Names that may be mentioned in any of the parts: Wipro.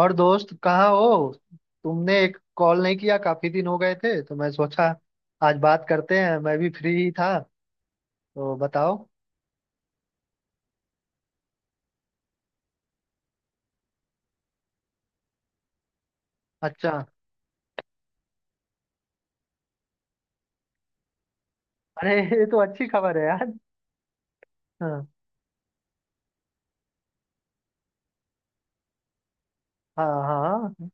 और दोस्त कहाँ हो। तुमने एक कॉल नहीं किया, काफी दिन हो गए थे तो मैं सोचा आज बात करते हैं। मैं भी फ्री ही था, तो बताओ। अच्छा। अरे, ये तो अच्छी खबर है यार। हाँ। हाँ। हाँ।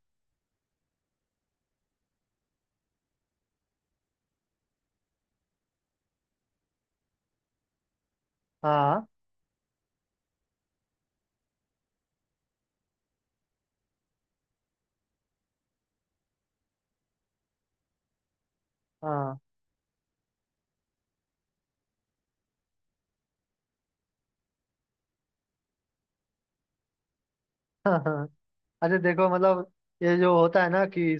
हाँ। हाँ। हाँ। अरे देखो, मतलब ये जो होता है ना कि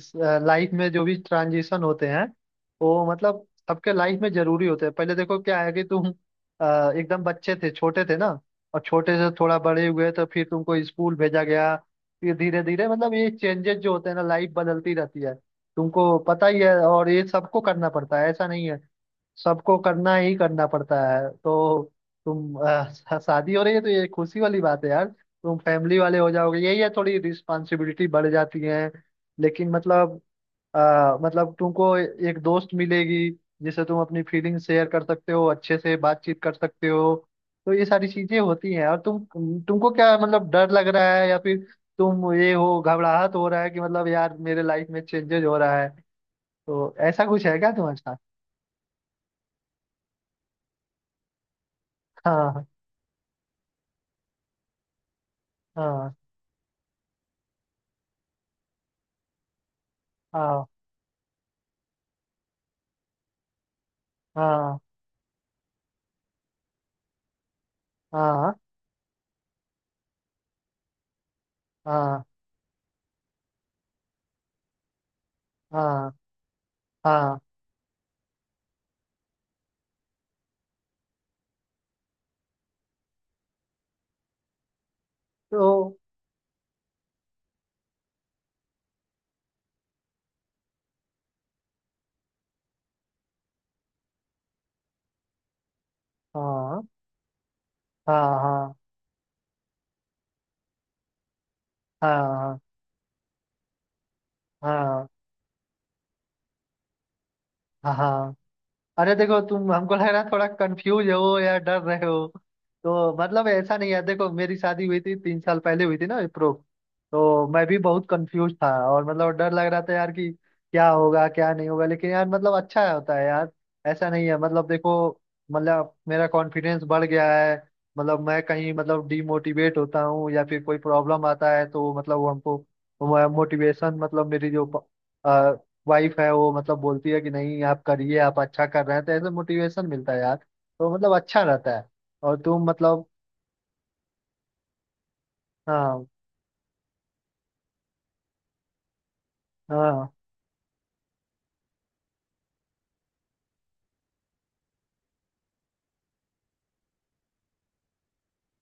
लाइफ में जो भी ट्रांजिशन होते हैं, वो मतलब सबके लाइफ में जरूरी होते हैं। पहले देखो क्या है कि तुम एकदम बच्चे थे, छोटे थे ना। और छोटे से थोड़ा बड़े हुए तो फिर तुमको स्कूल भेजा गया। फिर धीरे धीरे मतलब ये चेंजेस जो होते हैं ना, लाइफ बदलती रहती है। तुमको पता ही है, और ये सबको करना पड़ता है, ऐसा नहीं है, सबको करना ही करना पड़ता है। तो तुम शादी हो रही है तो ये खुशी वाली बात है यार। तुम फैमिली वाले हो जाओगे, यही है, थोड़ी रिस्पॉन्सिबिलिटी बढ़ जाती है। लेकिन मतलब मतलब तुमको एक दोस्त मिलेगी जिससे तुम अपनी फीलिंग शेयर कर सकते हो, अच्छे से बातचीत कर सकते हो। तो ये सारी चीजें होती हैं। और तुमको क्या मतलब डर लग रहा है या फिर तुम ये हो घबराहट हो रहा है कि मतलब यार मेरे लाइफ में चेंजेस हो रहा है, तो ऐसा कुछ है क्या तुम्हारे साथ? हाँ। हाँ। हाँ। हाँ। हाँ। हाँ। हाँ। हाँ। तो हाँ। हाँ। हाँ। हाँ। हाँ। हाँ। हाँ। अरे देखो, तुम, हमको लग रहा है थोड़ा कंफ्यूज हो या डर रहे हो, तो मतलब ऐसा नहीं है। देखो, मेरी शादी हुई थी, 3 साल पहले हुई थी ना विप्रो। तो मैं भी बहुत कंफ्यूज था, और मतलब डर लग रहा था यार कि क्या होगा क्या नहीं होगा, लेकिन यार मतलब अच्छा होता है यार। ऐसा नहीं है, मतलब देखो, मतलब मेरा कॉन्फिडेंस बढ़ गया है। मतलब मैं कहीं मतलब डीमोटिवेट होता हूँ या फिर कोई प्रॉब्लम आता है तो मतलब वो हमको मोटिवेशन, मतलब मेरी जो वाइफ है वो मतलब बोलती है कि नहीं आप करिए, आप अच्छा कर रहे हैं, तो ऐसे मोटिवेशन मिलता है यार, तो मतलब अच्छा रहता है। और तुम मतलब। हाँ। हाँ।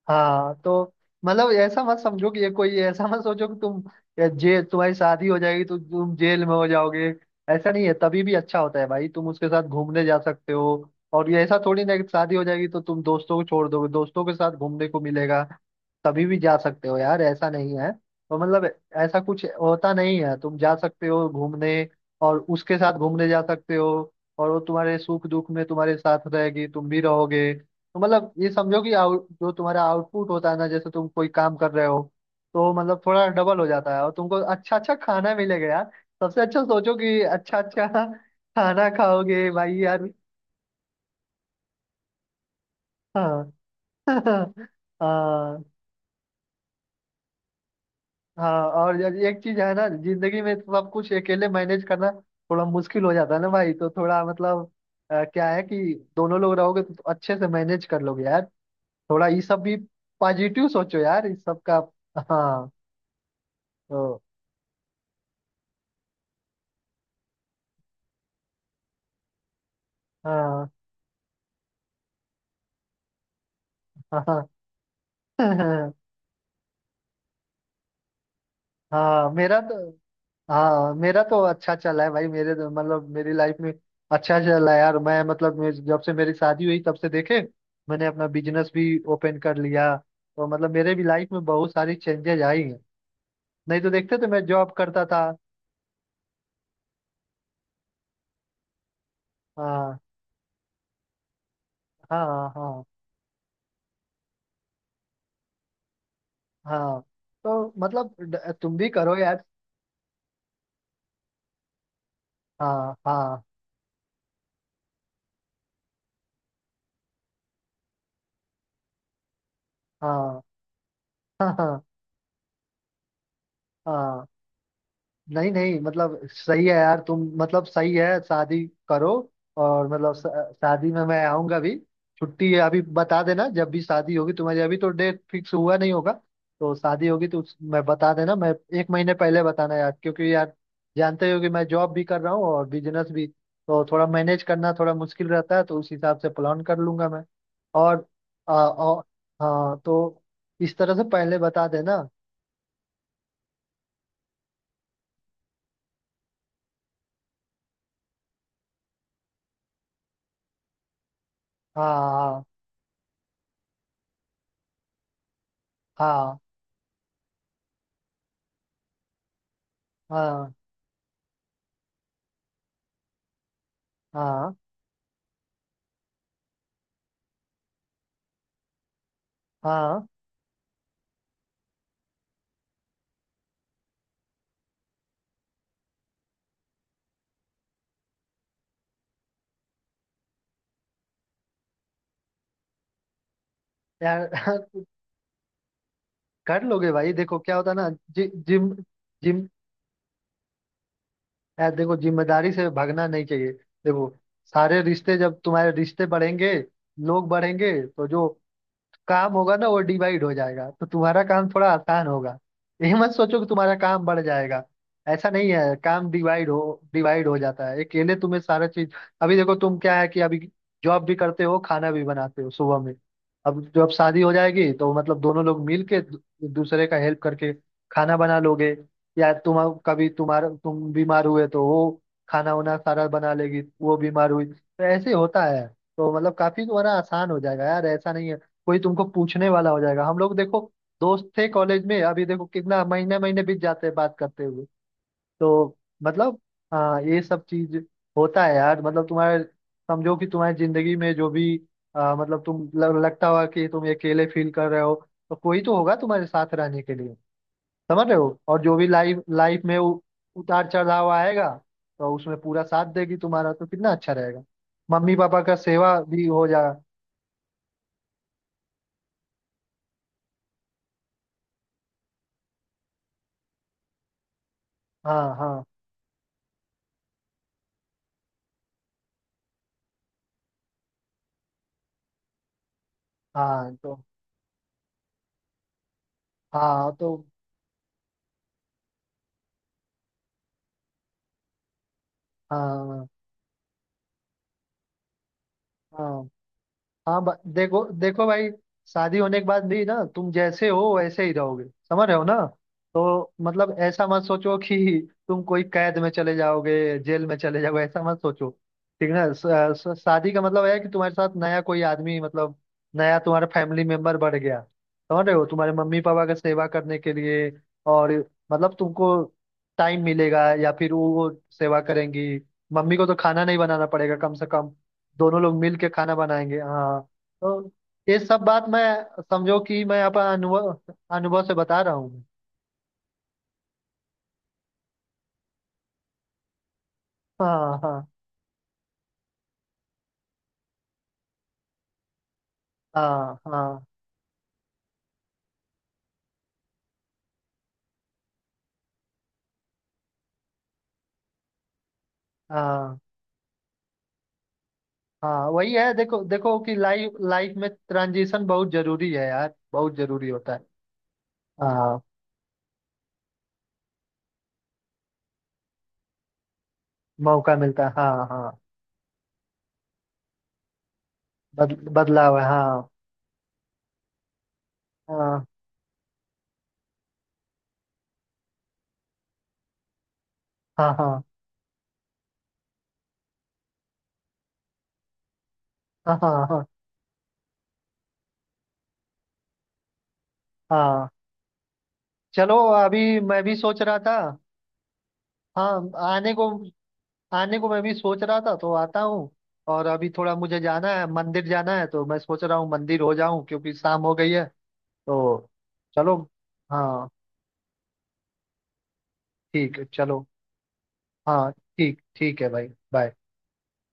हाँ। तो मतलब ऐसा मत समझो कि ये कोई, ऐसा मत सोचो कि तुम या जे तुम्हारी शादी हो जाएगी तो तुम जेल में हो जाओगे। ऐसा नहीं है, तभी भी अच्छा होता है भाई, तुम उसके साथ घूमने जा सकते हो, और ये ऐसा थोड़ी ना है कि शादी हो जाएगी तो तुम दोस्तों को छोड़ दोगे, दोस्तों के साथ घूमने को मिलेगा। तभी भी जा सकते हो यार, ऐसा नहीं है, तो मतलब ऐसा कुछ होता नहीं है। तुम जा सकते हो घूमने, और उसके साथ घूमने जा सकते हो। और वो तुम्हारे सुख दुख में तुम्हारे साथ रहेगी, तुम भी रहोगे। तो मतलब ये समझो कि आउट जो तुम्हारा आउटपुट होता है ना, जैसे तुम कोई काम कर रहे हो, तो मतलब थोड़ा डबल हो जाता है, और तुमको अच्छा अच्छा खाना मिलेगा यार। सबसे अच्छा सोचो कि अच्छा अच्छा खाना खाओगे भाई यार। हाँ। हाँ। हाँ। और यार एक चीज है ना, जिंदगी में तो सब कुछ अकेले मैनेज करना थोड़ा मुश्किल हो जाता है ना भाई। तो थोड़ा मतलब क्या है कि दोनों लोग रहोगे तो अच्छे से मैनेज कर लोगे यार। थोड़ा ये सब भी पॉजिटिव सोचो यार, इस सब का। हाँ। तो हाँ। हाँ। हाँ मेरा तो हाँ मेरा तो अच्छा चला है भाई, मेरे मतलब मेरी लाइफ में अच्छा चला है यार। मैं मतलब जब से मेरी शादी हुई तब से देखे, मैंने अपना बिजनेस भी ओपन कर लिया, तो मतलब मेरे भी लाइफ में बहुत सारी चेंजेस आई हैं। नहीं तो देखते तो मैं जॉब करता था। हाँ। हाँ। हाँ। हाँ। तो मतलब तुम भी करो यार। हाँ। हाँ। हाँ। हाँ। हाँ। हाँ। नहीं नहीं, मतलब सही है यार, तुम मतलब सही है, शादी करो। और मतलब शादी में मैं आऊंगा भी, छुट्टी है, अभी बता देना जब भी शादी होगी तुम्हारी। अभी तो डेट फिक्स हुआ नहीं होगा तो शादी होगी तो मैं बता देना। मैं एक महीने पहले बताना यार, क्योंकि यार जानते हो कि मैं जॉब भी कर रहा हूँ और बिजनेस भी, तो थोड़ा मैनेज करना थोड़ा मुश्किल रहता है, तो उस हिसाब से प्लान कर लूंगा मैं। और, और हाँ तो इस तरह से पहले बता देना। हाँ। हाँ। हाँ। हाँ। हाँ। हाँ। यार कर लोगे भाई। देखो क्या होता है ना, जि, जिम जिम यार देखो, जिम्मेदारी से भागना नहीं चाहिए। देखो सारे रिश्ते, जब तुम्हारे रिश्ते बढ़ेंगे, लोग बढ़ेंगे, तो जो काम होगा ना वो डिवाइड हो जाएगा, तो तुम्हारा काम थोड़ा आसान होगा। ये मत सोचो कि तुम्हारा काम बढ़ जाएगा, ऐसा नहीं है। काम डिवाइड हो जाता है, अकेले तुम्हें सारा चीज। अभी देखो तुम, क्या है कि अभी जॉब भी करते हो, खाना भी बनाते हो सुबह में। अब जब शादी हो जाएगी तो मतलब दोनों लोग मिल के एक दूसरे का हेल्प करके खाना बना लोगे। या तुम, कभी तुम बीमार हुए तो वो खाना वाना सारा बना लेगी, वो बीमार हुई तो ऐसे होता है। तो मतलब काफी तुम्हारा आसान हो जाएगा यार, ऐसा नहीं है। कोई तुमको पूछने वाला हो जाएगा। हम लोग देखो, दोस्त थे कॉलेज में, अभी देखो कितना महीने महीने बीत जाते हैं बात करते हुए। तो मतलब, हाँ, ये सब चीज होता है यार। मतलब तुम्हारे, समझो कि तुम्हारी जिंदगी में जो भी मतलब तुम लगता हुआ कि तुम अकेले फील कर रहे हो, तो कोई तो होगा तुम्हारे साथ रहने के लिए, समझ रहे हो। और जो भी लाइफ लाइफ में उतार चढ़ाव आएगा तो उसमें पूरा साथ देगी तुम्हारा, तो कितना अच्छा रहेगा। मम्मी पापा का सेवा भी हो जाएगा। हाँ। हाँ। हाँ। तो हाँ। तो हाँ। हाँ। हाँ। देखो देखो भाई, शादी होने के बाद भी ना तुम जैसे हो वैसे ही रहोगे, समझ रहे हो ना। तो मतलब ऐसा मत सोचो कि तुम कोई कैद में चले जाओगे, जेल में चले जाओगे, ऐसा मत सोचो, ठीक ना। शादी का मतलब है कि तुम्हारे साथ नया कोई आदमी, मतलब नया तुम्हारा फैमिली मेंबर बढ़ गया, समझ रहे हो, तुम्हारे मम्मी पापा का सेवा करने के लिए। और मतलब तुमको टाइम मिलेगा या फिर वो सेवा करेंगी। मम्मी को तो खाना नहीं बनाना पड़ेगा कम से कम, दोनों लोग मिल के खाना बनाएंगे। हाँ। तो ये सब बात मैं, समझो कि मैं अपना अनुभव अनुभव से बता रहा हूँ। हाँ। हाँ। हाँ। हाँ। हाँ। हाँ वही है, देखो देखो कि लाइफ लाइफ में ट्रांजिशन बहुत जरूरी है यार, बहुत जरूरी होता है। हाँ मौका मिलता है, हाँ। हाँ। बदलाव है, हाँ। हाँ। हाँ। हाँ। हाँ। हाँ। हाँ। हाँ। चलो अभी मैं भी सोच रहा था। हाँ, आने को, आने को मैं भी सोच रहा था, तो आता हूँ। और अभी थोड़ा मुझे जाना है, मंदिर जाना है तो मैं सोच रहा हूँ मंदिर हो जाऊं क्योंकि शाम हो गई है, तो चलो। हाँ ठीक है, चलो। हाँ, ठीक ठीक है भाई, बाय।